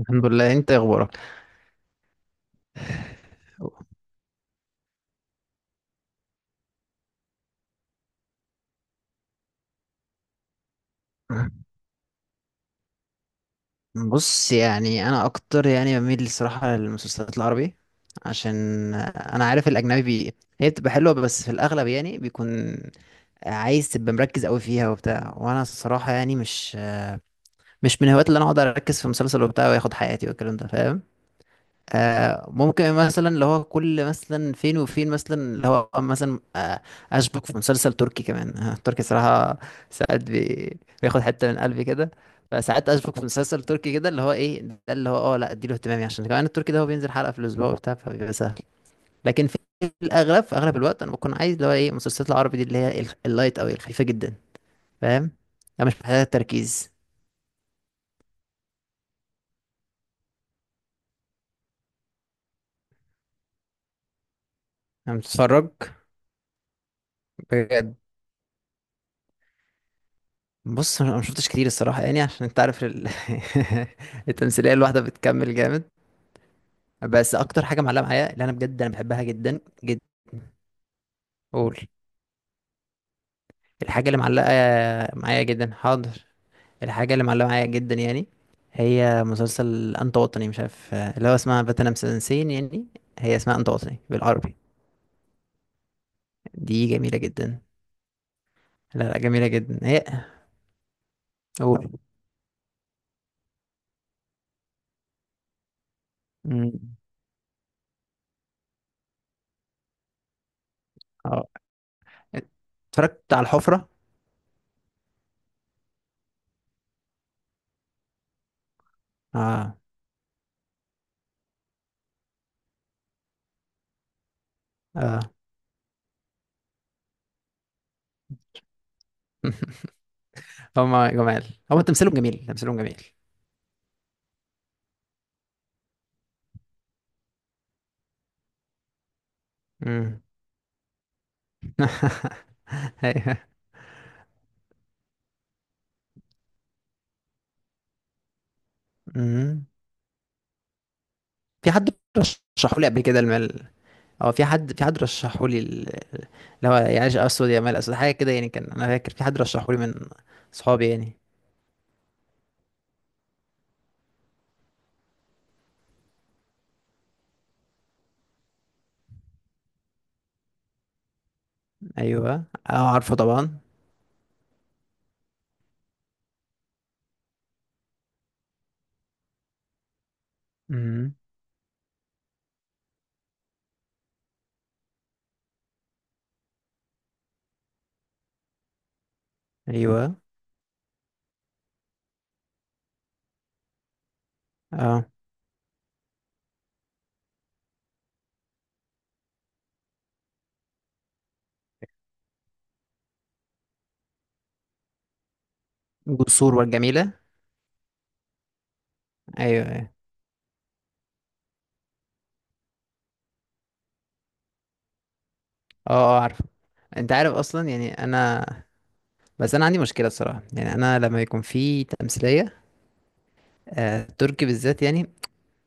الحمد لله، انت إيه اخبارك؟ بص، انا اكتر بميل الصراحه للمسلسلات العربي، عشان انا عارف الاجنبي هي بتبقى حلوه، بس في الاغلب يعني بيكون عايز تبقى مركز قوي فيها وبتاع، وانا الصراحه يعني مش من هوايات اللي انا اقعد اركز في مسلسل وبتاع وياخد حياتي والكلام ده. آه، ممكن مثلا اللي هو كل مثلا فين وفين مثلا اللي هو مثلا اشبك في مسلسل تركي كمان. آه، تركي صراحة ساعات بياخد حتة من قلبي كده، فساعات اشبك في مسلسل تركي كده، اللي هو ايه ده اللي هو لا، اديله اهتمامي، عشان كمان التركي ده هو بينزل حلقة في الاسبوع وبتاع، فبيبقى سهل. لكن في الاغلب، في اغلب الوقت، انا بكون عايز اللي هو ايه المسلسلات العربي دي اللي اللايت او الخفيفة جدا. فاهم؟ انا مش محتاجة تركيز. انا بتفرج. بص، انا ما شفتش كتير الصراحه، يعني عشان انت عارف التمثيليه الواحده بتكمل جامد. بس اكتر حاجه معلقه معايا اللي انا بجد انا بحبها جدا جدا. قول. الحاجه اللي معلقه معايا جدا، حاضر. الحاجه اللي معلقه معايا جدا يعني هي مسلسل انت وطني، مش عارف اللي هو اسمها بتنا مسنسين يعني، هي اسمها انت وطني بالعربي. دي جميله جدا. لا لا، جميله جدا هي. قول. مم. اه، اتفرجت على الحفره. اه. اه. هما جمال. هو تمثيلهم جميل، تمثيلهم جميل. امم. ايوه. امم. في حد رشحوا لي قبل كده المال. اه، في حد، في حد رشحوا لي اللي هو يعيش اسود، يا مال اسود، حاجه كده يعني، كان انا فاكر في حد رشحوا لي من صحابي يعني. ايوه، اه عارفه طبعا. امم. ايوه. اه، جسور والجميله. ايوه ايوه. اه. اه عارفه. انت عارف اصلا يعني انا، بس انا عندي مشكله الصراحه، يعني انا لما يكون في تمثيليه آه، تركي بالذات يعني،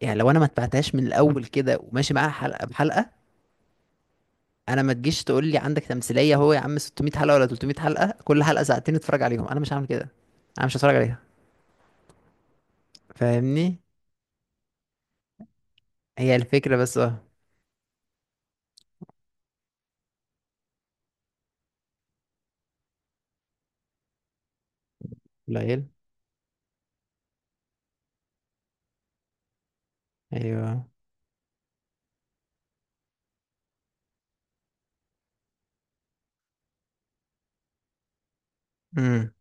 يعني لو انا ما اتبعتهاش من الاول كده وماشي معاها حلقه بحلقه، انا ما تجيش تقول لي عندك تمثيليه هو يا عم 600 حلقه ولا 300 حلقه، كل حلقه ساعتين اتفرج عليهم. انا مش هعمل كده، انا مش هتفرج عليها. فاهمني؟ هي الفكره بس، اه. قليل. ايوه. امم.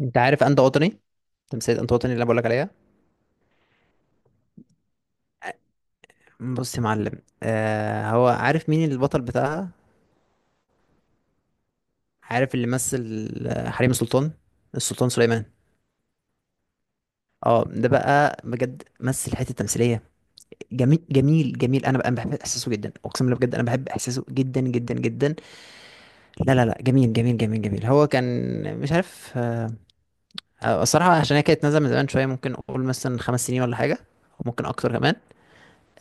انت عارف انت وطني، تمثيليه انت وطني اللي انا بقول لك عليها. بص يا معلم، آه، هو عارف مين البطل بتاعها؟ عارف اللي مثل آه، حريم سلطان، السلطان سليمان. اه، ده بقى بجد مثل حته تمثيليه. جميل جميل جميل، انا بقى بحب احساسه جدا، اقسم بالله بجد انا بحب احساسه جدا جدا جدا. لا لا لا، جميل جميل جميل جميل. هو كان مش عارف آه، آه، الصراحه عشان هي كانت نازله من زمان شويه، ممكن اقول مثلا 5 سنين ولا حاجه، وممكن اكتر كمان.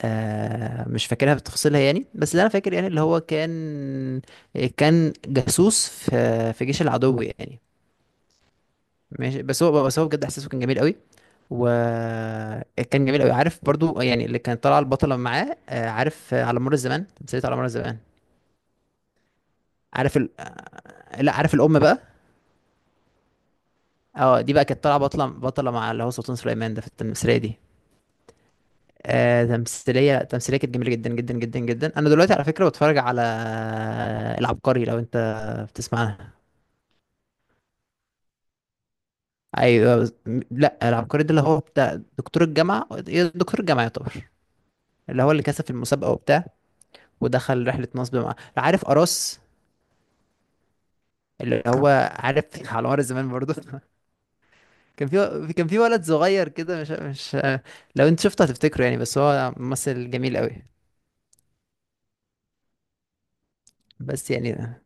آه، مش فاكرها بتفاصيلها يعني، بس اللي انا فاكر يعني اللي هو كان، كان جاسوس في جيش العدو يعني. ماشي، بس هو بجد احساسه كان جميل قوي، وكان جميل قوي. عارف برضو يعني اللي كانت طالعه البطله معاه آه، عارف آه، على مر الزمان، تمثيلية على مر الزمان. عارف آه، لا، عارف الام بقى. اه، دي بقى كانت طالعه بطله، بطله مع اللي هو سلطان سليمان ده في التمثيليه دي. آه، تمثيليه كانت جميله جدا جدا جدا جدا. انا دلوقتي على فكره بتفرج على العبقري، لو انت بتسمعها. ايوه لا، العبقري ده اللي هو بتاع دكتور الجامعه إيه، دكتور الجامعه يعتبر اللي هو اللي كسب في المسابقه وبتاع، ودخل رحلة نصب مع عارف أراس. اللي هو عارف على مر الزمان برضه. كان في، كان في ولد صغير كده، مش لو انت شفته هتفتكره يعني، بس هو ممثل جميل قوي. بس يعني،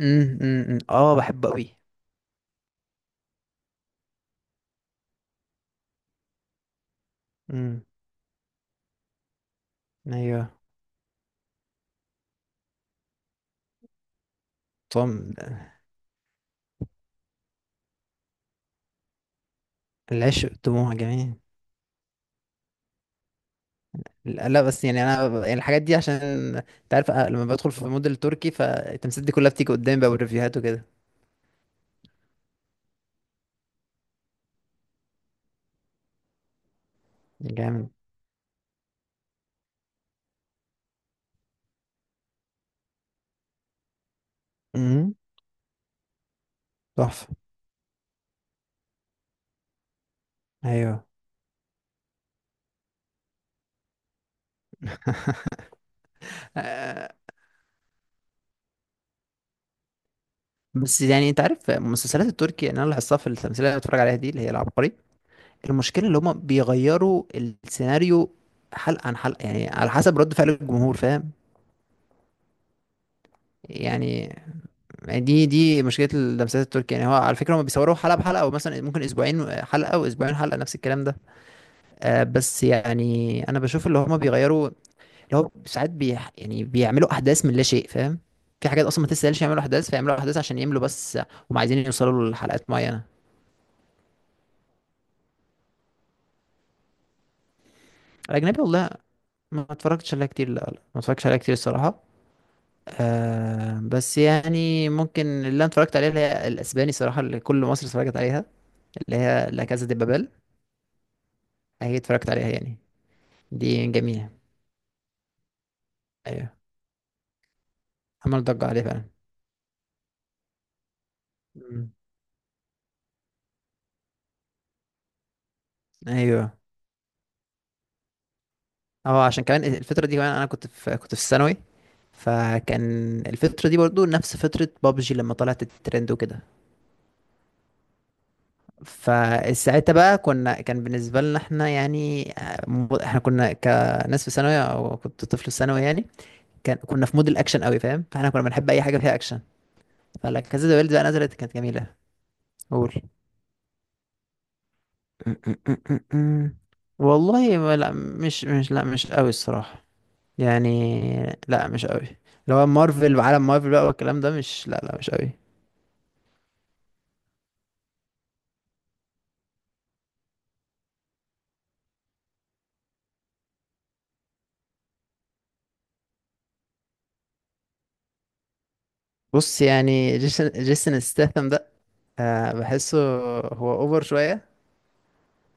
امم، اه بحبه قوي. امم. ايوه. طم. العشق دموع جميل. لا لا، بس يعني انا يعني الحاجات دي عشان انت عارف أه، لما بدخل في مود التركي، فالتمثيلات دي كلها بتيجي قدامي بقى، والريفيوهات وكده. جامد. امم. تحفة. ايوه. بس يعني انت عارف المسلسلات التركي، يعني انا لاحظتها في التمثيليه اللي بتفرج عليها دي اللي هي العبقري، المشكله اللي هما بيغيروا السيناريو حلقه عن حلقه، يعني على حسب رد فعل الجمهور، فاهم؟ يعني دي مشكله المسلسلات التركي، يعني هو على فكره هما بيصوروا حلقه بحلقه، او مثلا ممكن اسبوعين حلقه واسبوعين حلقه، نفس الكلام ده. آه، بس يعني انا بشوف اللي هما بيغيروا، اللي هو ساعات يعني بيعملوا احداث من لا شيء، فاهم؟ في حاجات اصلا ما تستاهلش يعملوا احداث، فيعملوا احداث عشان يملوا بس، هم عايزين يوصلوا لحلقات معينه. الاجنبي والله ما اتفرجتش عليها كتير، لا لا، ما اتفرجتش عليها كتير الصراحة. آه، بس يعني ممكن اللي انا اتفرجت عليها اللي هي الاسباني صراحة، اللي كل مصر اتفرجت عليها، اللي هي لا كازا دي بابل. هي اتفرجت عليها يعني. دي جميلة. ايوه، عمل ضجة عليها فعلا. مم. ايوه، اه، عشان كمان الفترة دي كمان انا كنت في، كنت في الثانوي، فكان الفترة دي برضو نفس فترة بابجي لما طلعت الترند وكده، فساعتها بقى كنا، كان بالنسبة لنا احنا يعني آه، احنا كنا كناس في ثانوي، او كنت طفل في ثانوي يعني، كان كنا في مود الاكشن قوي، فاهم؟ فاحنا كنا بنحب اي حاجة فيها اكشن، فلا كذا دي بقى نزلت كانت جميلة. قول. والله ما- لا مش مش لا مش قوي الصراحة يعني. لا مش قوي اللي هو مارفل وعالم مارفل بقى والكلام ده، مش، لا لا، مش قوي. بص يعني، جيسون ستاثام ده آه بحسه هو اوفر شوية،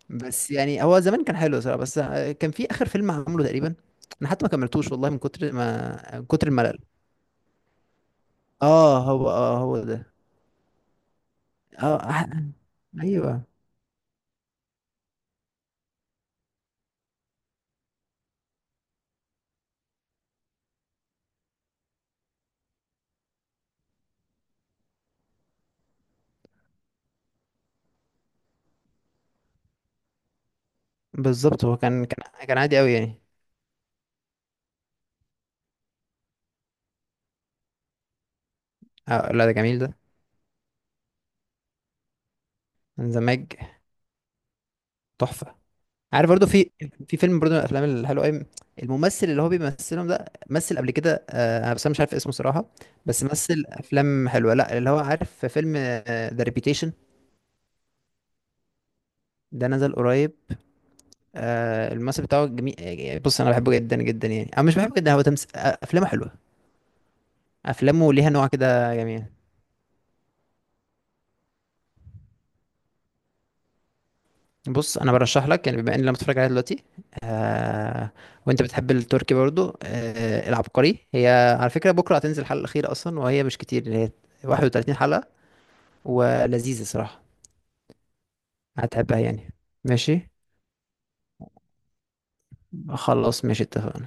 بس يعني هو زمان كان حلو صراحة، بس كان في آخر فيلم عمله تقريبا أنا حتى ما كملتوش والله، من كتر ما، من كتر الملل. اه هو، اه هو ده. اه، ايوه. بالظبط، هو كان كان عادي قوي يعني. آه لا، ده جميل ده. انزماج تحفة. عارف برضو في فيلم برضو من الافلام الحلوه قوي، الممثل اللي هو بيمثلهم ده مثل قبل كده آه، أنا بس انا مش عارف اسمه صراحة، بس مثل افلام حلوة. لا، اللي هو عارف في فيلم ذا ريبيتيشن، ده نزل قريب. آه، الممثل بتاعه جميل آه، يعني بص، انا بحبه جدا جدا، يعني انا مش بحبه جدا، هو آه، افلامه حلوه، افلامه ليها نوع كده جميل. بص، انا برشح لك يعني بما ان لما تتفرج عليها دلوقتي وانت بتحب التركي برضو، آه، العبقري هي على فكره بكره هتنزل الحلقه الاخيره اصلا، وهي مش كتير، هي 31 حلقه، ولذيذه صراحه، هتحبها يعني. ماشي، خلاص ماشي، اتفقنا.